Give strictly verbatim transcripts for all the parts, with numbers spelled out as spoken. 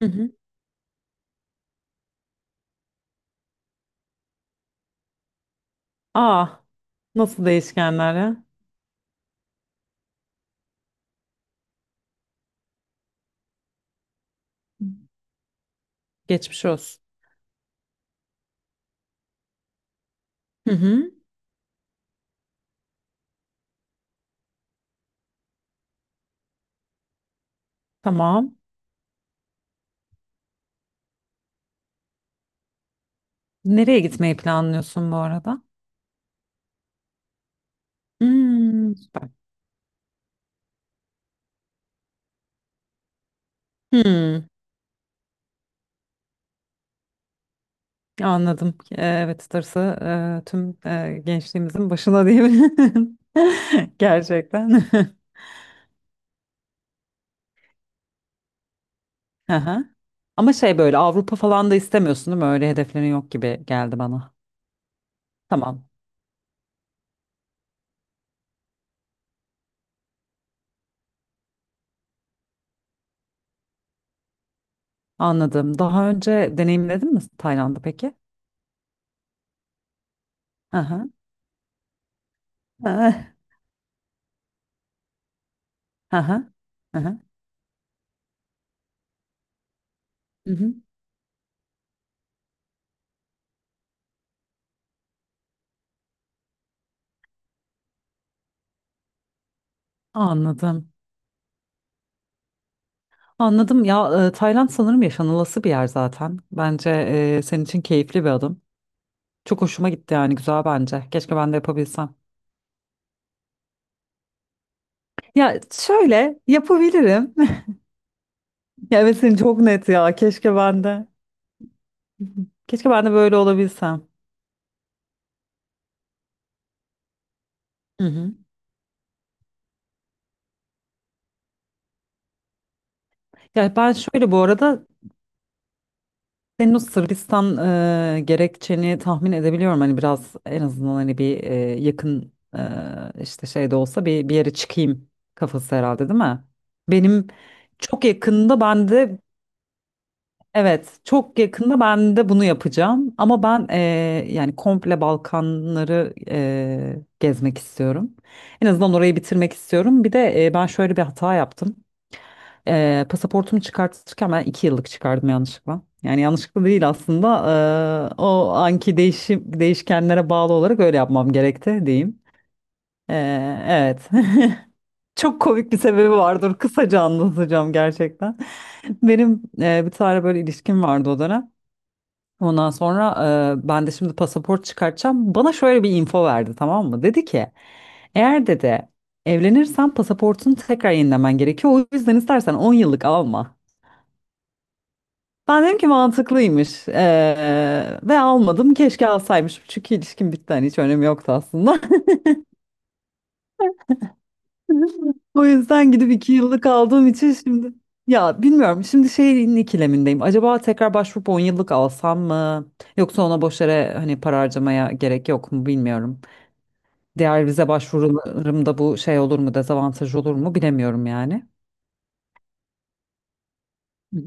Hı hı. Aa, nasıl değişkenler ya? Hı. Geçmiş olsun. Hı hı. Tamam. Nereye gitmeyi planlıyorsun bu arada? Hmm, süper. Hmm, anladım. Ee, Evet, Stars'ı e, tüm e, gençliğimizin başına diyebilirim. Gerçekten. Aha. Ama şey böyle Avrupa falan da istemiyorsun değil mi? Öyle hedeflerin yok gibi geldi bana. Tamam. Anladım. Daha önce deneyimledin mi Tayland'ı peki? Aha. Aha. Aha. Aha. Anladım. Anladım ya, e, Tayland sanırım yaşanılası bir yer zaten. Bence e, senin için keyifli bir adım. Çok hoşuma gitti yani güzel bence. Keşke ben de yapabilsem. Ya şöyle yapabilirim. Ya evet senin çok net ya. Keşke ben de. Keşke ben de böyle olabilsem. Hı hı. Ya ben şöyle bu arada senin o Sırbistan e, gerekçeni tahmin edebiliyorum. Hani biraz en azından hani bir e, yakın e, işte şey de olsa bir, bir yere çıkayım kafası herhalde değil mi? Benim çok yakında ben de evet çok yakında ben de bunu yapacağım. Ama ben e, yani komple Balkanları e, gezmek istiyorum. En azından orayı bitirmek istiyorum. Bir de e, ben şöyle bir hata yaptım. Ee, pasaportumu çıkartırken ben iki yıllık çıkardım yanlışlıkla. Yani yanlışlıkla değil aslında. Ee, o anki değişim değişkenlere bağlı olarak öyle yapmam gerekti diyeyim. Ee, evet. Çok komik bir sebebi vardır. Kısaca anlatacağım gerçekten. Benim e, bir tane böyle ilişkim vardı o dönem. Ondan sonra e, ben de şimdi pasaport çıkartacağım. Bana şöyle bir info verdi, tamam mı? Dedi ki, eğer dedi evlenirsen pasaportunu tekrar yenilemen gerekiyor. O yüzden istersen on yıllık alma. Ben dedim ki mantıklıymış. Ee, ve almadım. Keşke alsaymışım, çünkü ilişkim bitti, hani hiç önemi yoktu aslında. O yüzden gidip iki yıllık aldığım için şimdi ya bilmiyorum şimdi şeyin ikilemindeyim. Acaba tekrar başvurup on yıllık alsam mı? Yoksa ona boş yere hani para harcamaya gerek yok mu bilmiyorum. Diğer vize başvurularımda bu şey olur mu, dezavantaj olur mu bilemiyorum yani. Hı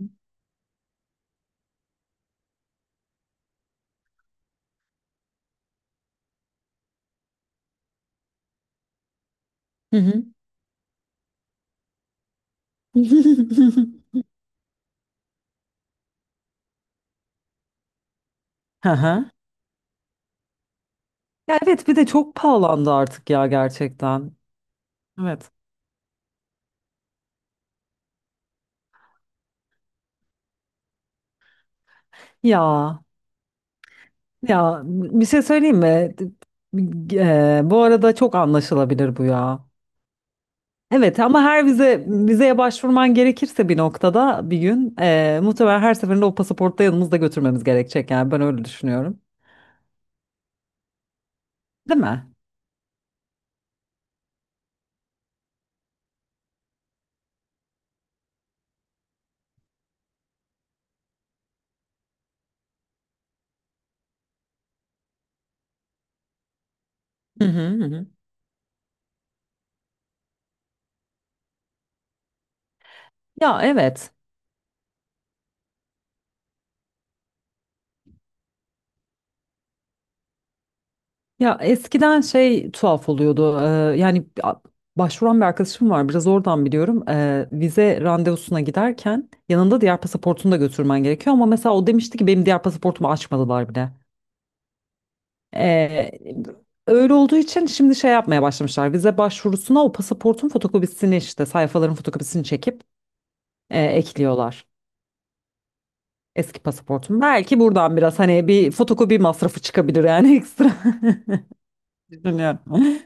hı. Hı hı. Ya evet, bir de çok pahalandı artık ya gerçekten. Evet. Ya ya bir şey söyleyeyim mi? Eee, bu arada çok anlaşılabilir bu ya. Evet, ama her vize vizeye başvurman gerekirse bir noktada bir gün eee muhtemelen her seferinde o pasaportta yanımızda götürmemiz gerekecek, yani ben öyle düşünüyorum. Değil mi? Hı hı hı. Hı. Ya evet. Ya eskiden şey tuhaf oluyordu. E, yani a- başvuran bir arkadaşım var. Biraz oradan biliyorum. E, vize randevusuna giderken yanında diğer pasaportunu da götürmen gerekiyor. Ama mesela o demişti ki benim diğer pasaportumu açmadılar bile. E, öyle olduğu için şimdi şey yapmaya başlamışlar. Vize başvurusuna o pasaportun fotokopisini, işte sayfaların fotokopisini çekip e, ekliyorlar. Eski pasaportum. Belki buradan biraz hani bir fotokopi masrafı çıkabilir yani ekstra. Düşünüyorum.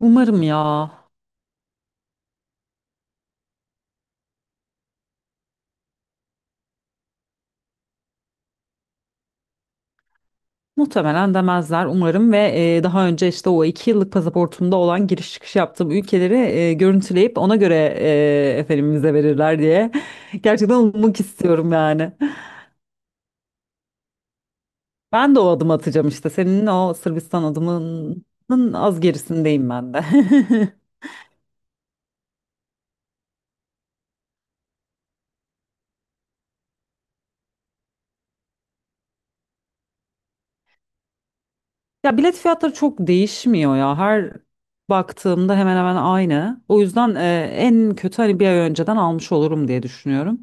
Umarım ya. Muhtemelen demezler umarım ve e, daha önce işte o iki yıllık pasaportumda olan giriş çıkış yaptığım ülkeleri e, görüntüleyip ona göre e, efendim vize verirler diye gerçekten ummak istiyorum yani. Ben de o adımı atacağım, işte senin o Sırbistan adımının az gerisindeyim ben de. Ya bilet fiyatları çok değişmiyor ya, her baktığımda hemen hemen aynı. O yüzden e, en kötü hani bir ay önceden almış olurum diye düşünüyorum.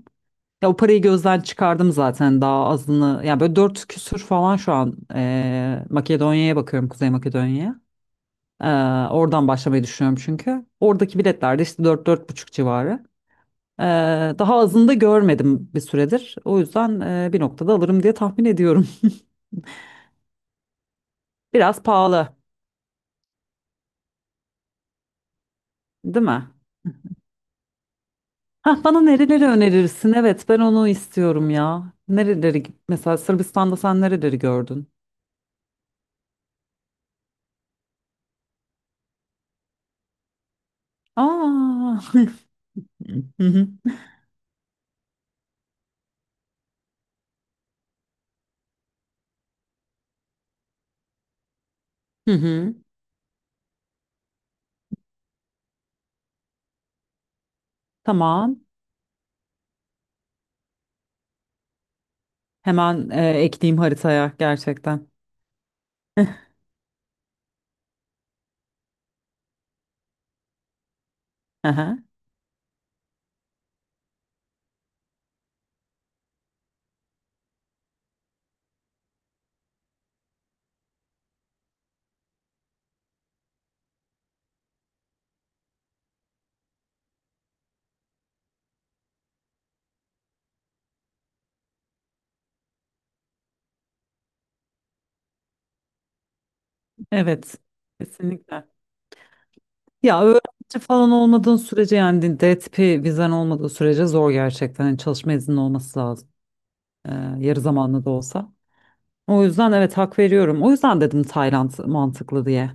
Ya o parayı gözden çıkardım zaten, daha azını. Yani böyle dört küsür falan şu an eee, Makedonya'ya bakıyorum, Kuzey Makedonya'ya. Eee, oradan başlamayı düşünüyorum çünkü. Oradaki biletler de işte dört dört buçuk civarı. Eee, daha azını da görmedim bir süredir. O yüzden eee, bir noktada alırım diye tahmin ediyorum. Biraz pahalı, değil mi? Hah, bana nereleri önerirsin? Evet, ben onu istiyorum ya. Nereleri mesela Sırbistan'da sen nereleri gördün? Aa. Hı hı. Hı hı. Tamam. Hemen e, ekleyeyim haritaya gerçekten. Aha, evet, kesinlikle. Ya öğrenci falan olmadığın sürece, yani D tipi vizen olmadığı sürece zor gerçekten. Yani çalışma izninin olması lazım. E, yarı zamanlı da olsa. O yüzden evet, hak veriyorum. O yüzden dedim Tayland mantıklı diye.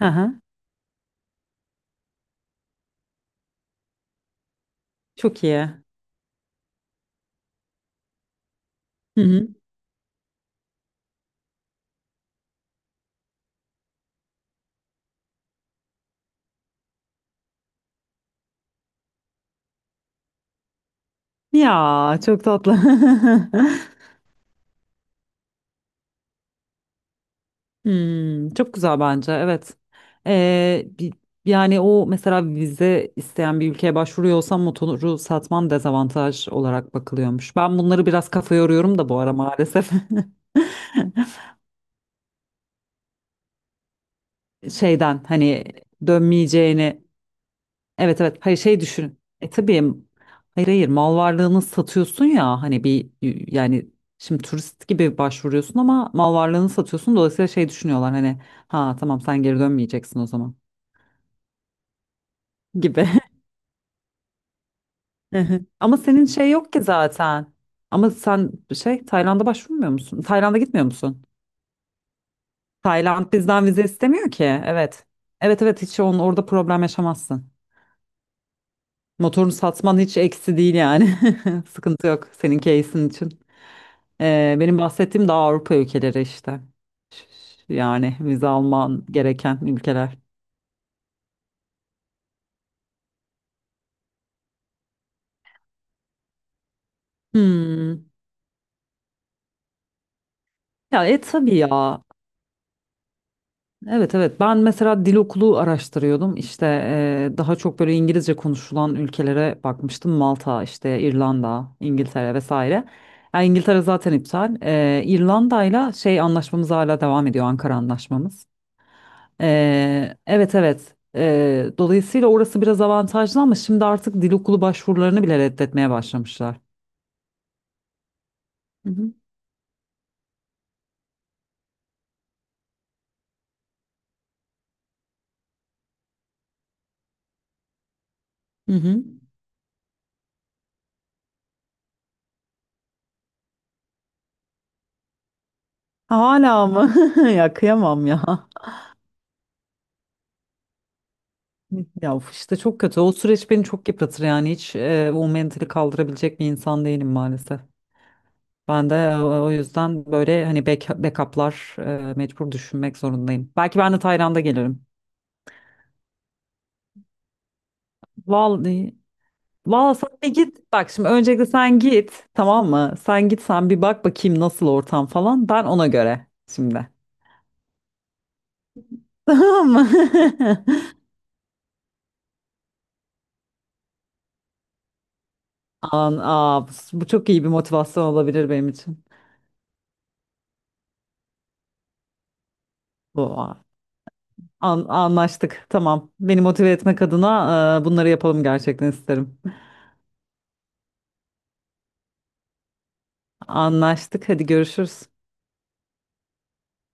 Aha, çok iyi. Hı hı. Ya çok tatlı. Hmm, çok güzel bence, evet. Ee, bi- Yani o mesela vize isteyen bir ülkeye başvuruyorsam motoru satman dezavantaj olarak bakılıyormuş. Ben bunları biraz kafa yoruyorum da bu ara maalesef. Şeyden hani dönmeyeceğini, evet evet, hayır şey düşün. E tabii, hayır hayır, mal varlığını satıyorsun ya hani bir, yani şimdi turist gibi başvuruyorsun ama mal varlığını satıyorsun, dolayısıyla şey düşünüyorlar hani, ha tamam sen geri dönmeyeceksin o zaman gibi. Hı hı. Ama senin şey yok ki zaten. Ama sen şey, Tayland'a başvurmuyor musun? Tayland'a gitmiyor musun? Tayland bizden vize istemiyor ki. Evet. Evet evet, hiç onun orada problem yaşamazsın. Motorunu satman hiç eksi değil yani. Sıkıntı yok senin case'in için. Ee, benim bahsettiğim daha Avrupa ülkeleri işte. Ş- Yani vize alman gereken ülkeler. Hmm. Ya e tabii ya. Evet evet, ben mesela dil okulu araştırıyordum işte, eee, daha çok böyle İngilizce konuşulan ülkelere bakmıştım, Malta işte, İrlanda, İngiltere vesaire. Yani İngiltere zaten iptal. Eee İrlanda'yla şey anlaşmamız hala devam ediyor, Ankara anlaşmamız. Eee, evet evet. Eee, dolayısıyla orası biraz avantajlı, ama şimdi artık dil okulu başvurularını bile reddetmeye başlamışlar. Hı hı. Hı hı. Hala mı? Ya kıyamam ya. Ya of, işte çok kötü. O süreç beni çok yıpratır yani, hiç e, o mentali kaldırabilecek bir insan değilim maalesef. Ben de e, o yüzden böyle hani back, backup'lar e, mecbur düşünmek zorundayım. Belki ben de Tayland'a gelirim. Vallahi, vallahi sen de git. Bak şimdi öncelikle sen git tamam mı? Sen git, sen bir bak bakayım nasıl ortam falan. Ben ona göre şimdi. Tamam mı? An, aa, bu bu çok iyi bir motivasyon olabilir benim için. Bu. An- anlaştık. Tamam. Beni motive etmek adına e, bunları yapalım gerçekten isterim. Anlaştık. Hadi görüşürüz.